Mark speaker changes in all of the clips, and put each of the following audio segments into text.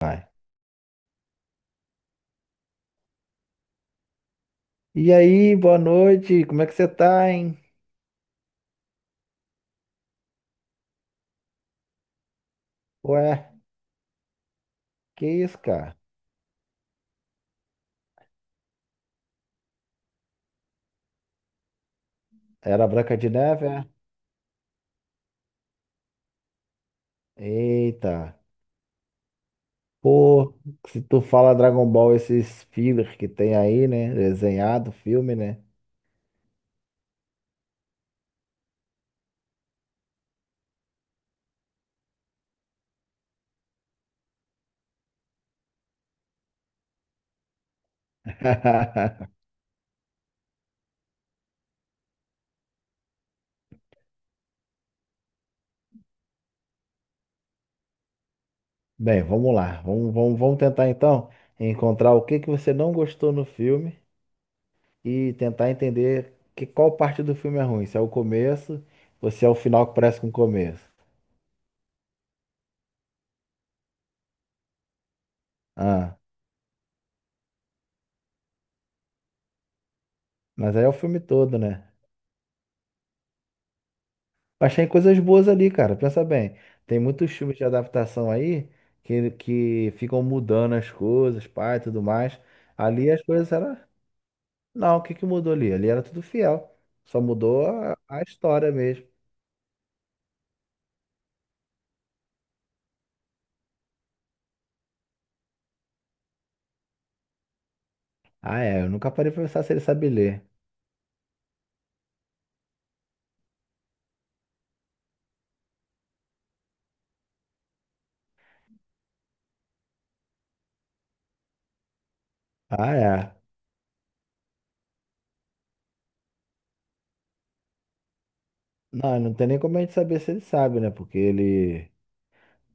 Speaker 1: Vai. E aí, boa noite, como é que você tá, hein? Ué, que isso, cara? Era a Branca de Neve, é? Eita, pô, se tu fala Dragon Ball, esses fillers que tem aí, né? Desenhado, filme, né? Bem, vamos lá, vamos tentar então encontrar o que que você não gostou no filme e tentar entender que qual parte do filme é ruim, se é o começo ou se é o final que parece com o começo. Ah, mas aí é o filme todo, né? Achei coisas boas ali, cara. Pensa bem, tem muitos filmes de adaptação aí que ficam mudando as coisas, pá, e tudo mais. Ali as coisas eram. Não, o que que mudou ali? Ali era tudo fiel. Só mudou a história mesmo. Ah, é. Eu nunca parei pra pensar se ele sabe ler. Ah, é. Não tem nem como a gente saber se ele sabe, né? Porque ele,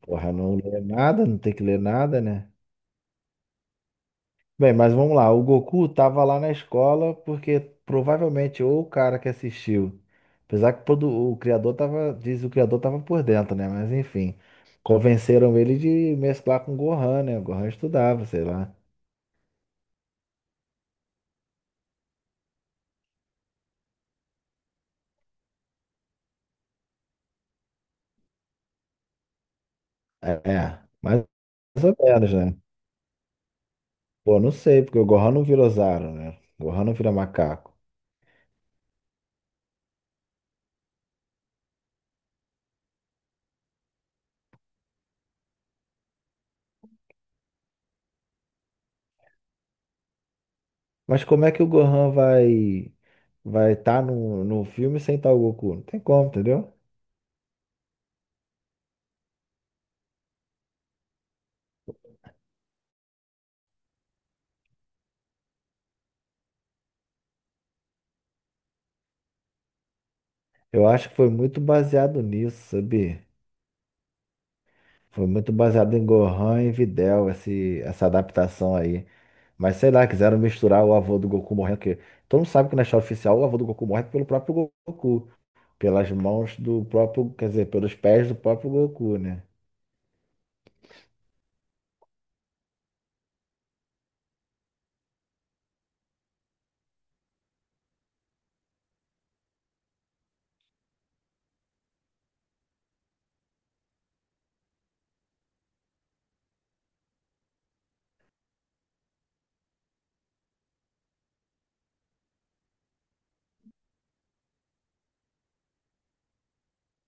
Speaker 1: porra, não lê nada, não tem que ler nada, né? Bem, mas vamos lá. O Goku tava lá na escola porque provavelmente ou o cara que assistiu, o criador tava, diz o criador tava por dentro, né? Mas enfim, convenceram ele de mesclar com o Gohan, né? O Gohan estudava, sei lá. Mais ou menos, né? Pô, não sei, porque o Gohan não vira Ozaru, né? O Gohan não vira macaco. Mas como é que o Gohan vai estar no filme sem estar o Goku? Não tem como, entendeu? Eu acho que foi muito baseado nisso, sabia? Foi muito baseado em Gohan e Videl, essa adaptação aí. Mas sei lá, quiseram misturar o avô do Goku morrendo, porque todo mundo sabe que na história oficial o avô do Goku morre pelo próprio Goku, pelas mãos do próprio, quer dizer, pelos pés do próprio Goku, né?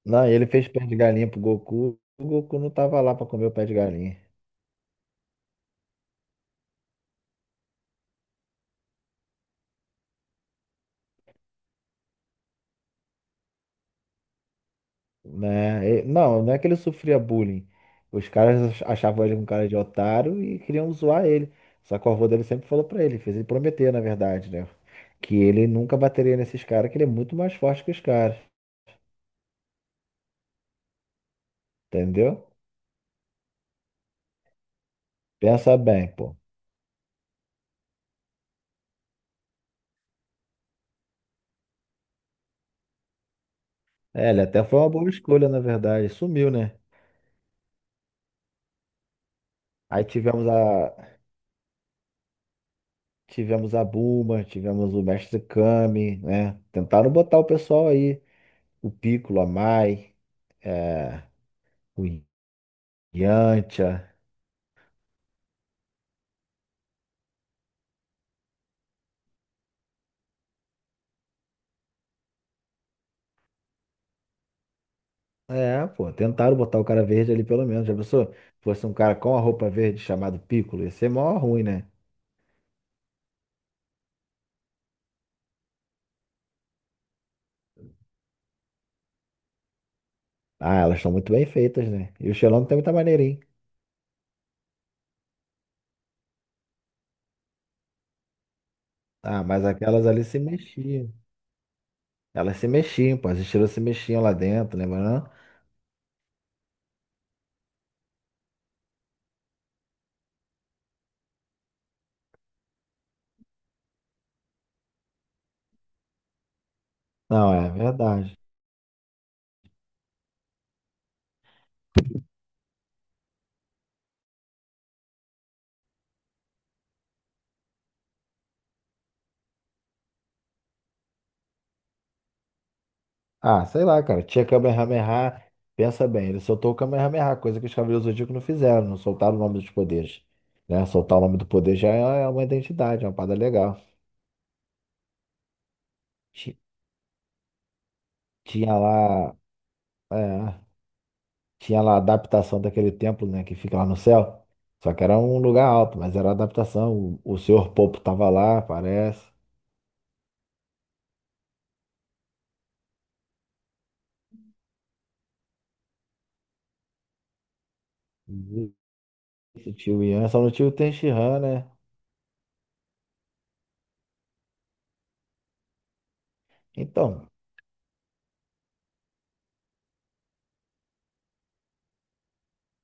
Speaker 1: Não, ele fez pé de galinha pro Goku, o Goku não tava lá pra comer o pé de galinha. Né? Não, não é que ele sofria bullying. Os caras achavam ele um cara de otário e queriam zoar ele. Só que o avô dele sempre falou pra ele, fez ele prometer, na verdade, né? Que ele nunca bateria nesses caras, que ele é muito mais forte que os caras, entendeu? Pensa bem, pô. É, ele até foi uma boa escolha, na verdade. Sumiu, né? Aí tivemos a tivemos a Bulma, tivemos o Mestre Kami, né? Tentaram botar o pessoal aí, o Piccolo, a Mai, é, o Yantia. É, pô, tentaram botar o cara verde ali pelo menos. Já pensou? Fosse um cara com a roupa verde chamado Piccolo, ia ser mó ruim, né? Ah, elas estão muito bem feitas, né? E o Xelão tem muita maneirinha. Ah, mas aquelas ali se mexiam. Elas se mexiam, pô, as estrelas se mexiam lá dentro, lembra não? Não, é verdade. Ah, sei lá, cara. Tinha Kamehameha. Pensa bem, ele soltou o Kamehameha, coisa que os Cavaleiros do Zodíaco não fizeram, não soltaram o nome dos poderes. Né? Soltar o nome do poder já é uma identidade, é uma parada legal. Ti- Tinha lá. É. Tinha lá a adaptação daquele templo, né, que fica lá no céu. Só que era um lugar alto, mas era adaptação. O Senhor Popo tava lá, parece. Esse tio Ian, só no tio Ten, né? Então,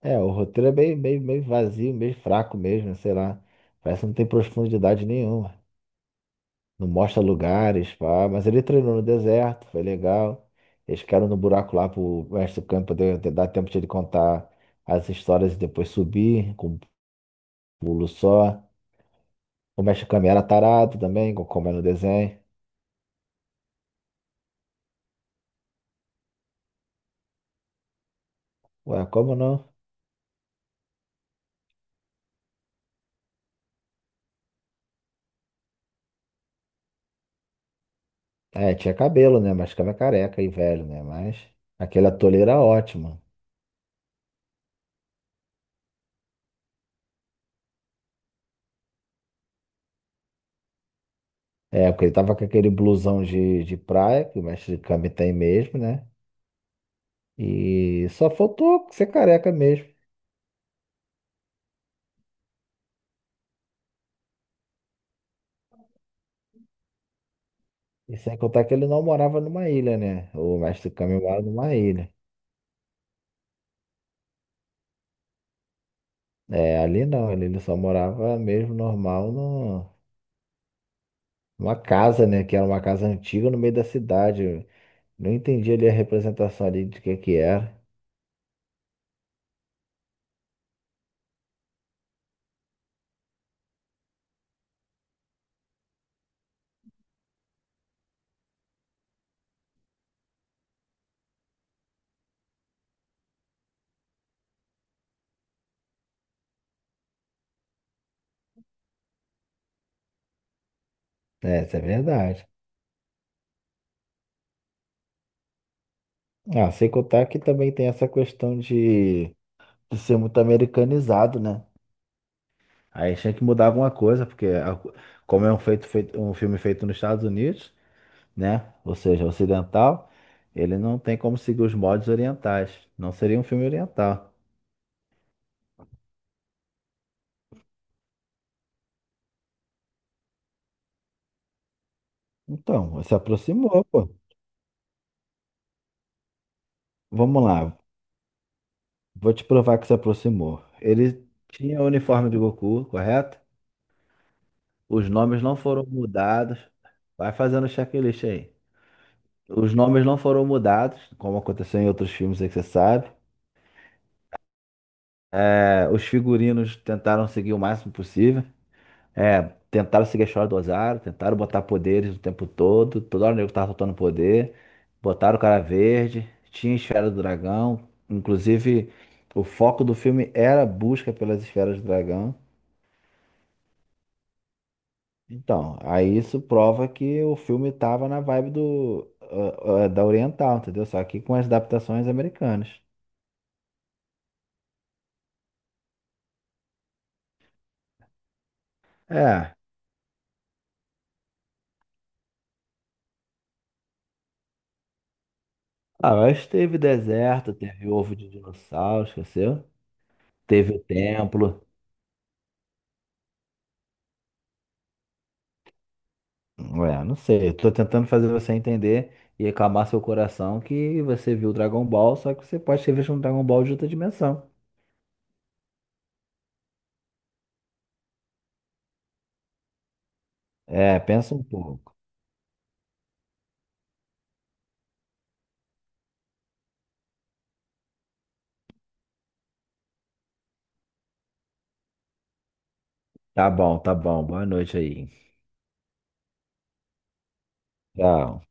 Speaker 1: é, o roteiro é meio vazio, meio fraco mesmo, né, sei lá. Parece que não tem profundidade nenhuma. Não mostra lugares, pá. Mas ele treinou no deserto, foi legal. Eles ficaram no buraco lá pro mestre do campo dar tempo de ele contar as histórias e depois subir com um pulo só. O Mexicano era tarado também, como é no desenho. Ué, como não? É, tinha cabelo, né? Mas ficava careca e velho, né? Mas aquele ator era ótimo. É, porque ele tava com aquele blusão de praia, que o mestre Kami tem mesmo, né? E só faltou ser careca mesmo. E sem contar que ele não morava numa ilha, né? O mestre Kami mora numa ilha. É, ali não, ali ele só morava mesmo normal no, numa casa, né? Que era uma casa antiga no meio da cidade. Eu não entendi ali a representação ali de que era. É, isso é verdade. Ah, sem contar que também tem essa questão de ser muito americanizado, né? Aí tinha que mudar alguma coisa, porque como é um, um filme feito nos Estados Unidos, né? Ou seja, ocidental, ele não tem como seguir os modos orientais. Não seria um filme oriental. Então, se aproximou, pô. Vamos lá, vou te provar que se aproximou. Ele tinha o uniforme do Goku, correto? Os nomes não foram mudados. Vai fazendo o checklist aí. Os nomes não foram mudados, como aconteceu em outros filmes aí que você sabe. É, os figurinos tentaram seguir o máximo possível. É, tentaram seguir a história do Ozário, tentaram botar poderes o tempo todo. Toda hora o nego tava soltando poder. Botaram o cara verde, tinha esfera do dragão. Inclusive, o foco do filme era a busca pelas esferas do dragão. Então, aí isso prova que o filme tava na vibe do, da Oriental, entendeu? Só que com as adaptações americanas. É. Ah, mas teve deserto, teve ovo de dinossauro, esqueceu? Teve o templo. Ué, não sei. Eu tô tentando fazer você entender e acalmar seu coração que você viu Dragon Ball, só que você pode ter visto um Dragon Ball de outra dimensão. É, pensa um pouco. Tá bom, tá bom. Boa noite aí. Tchau.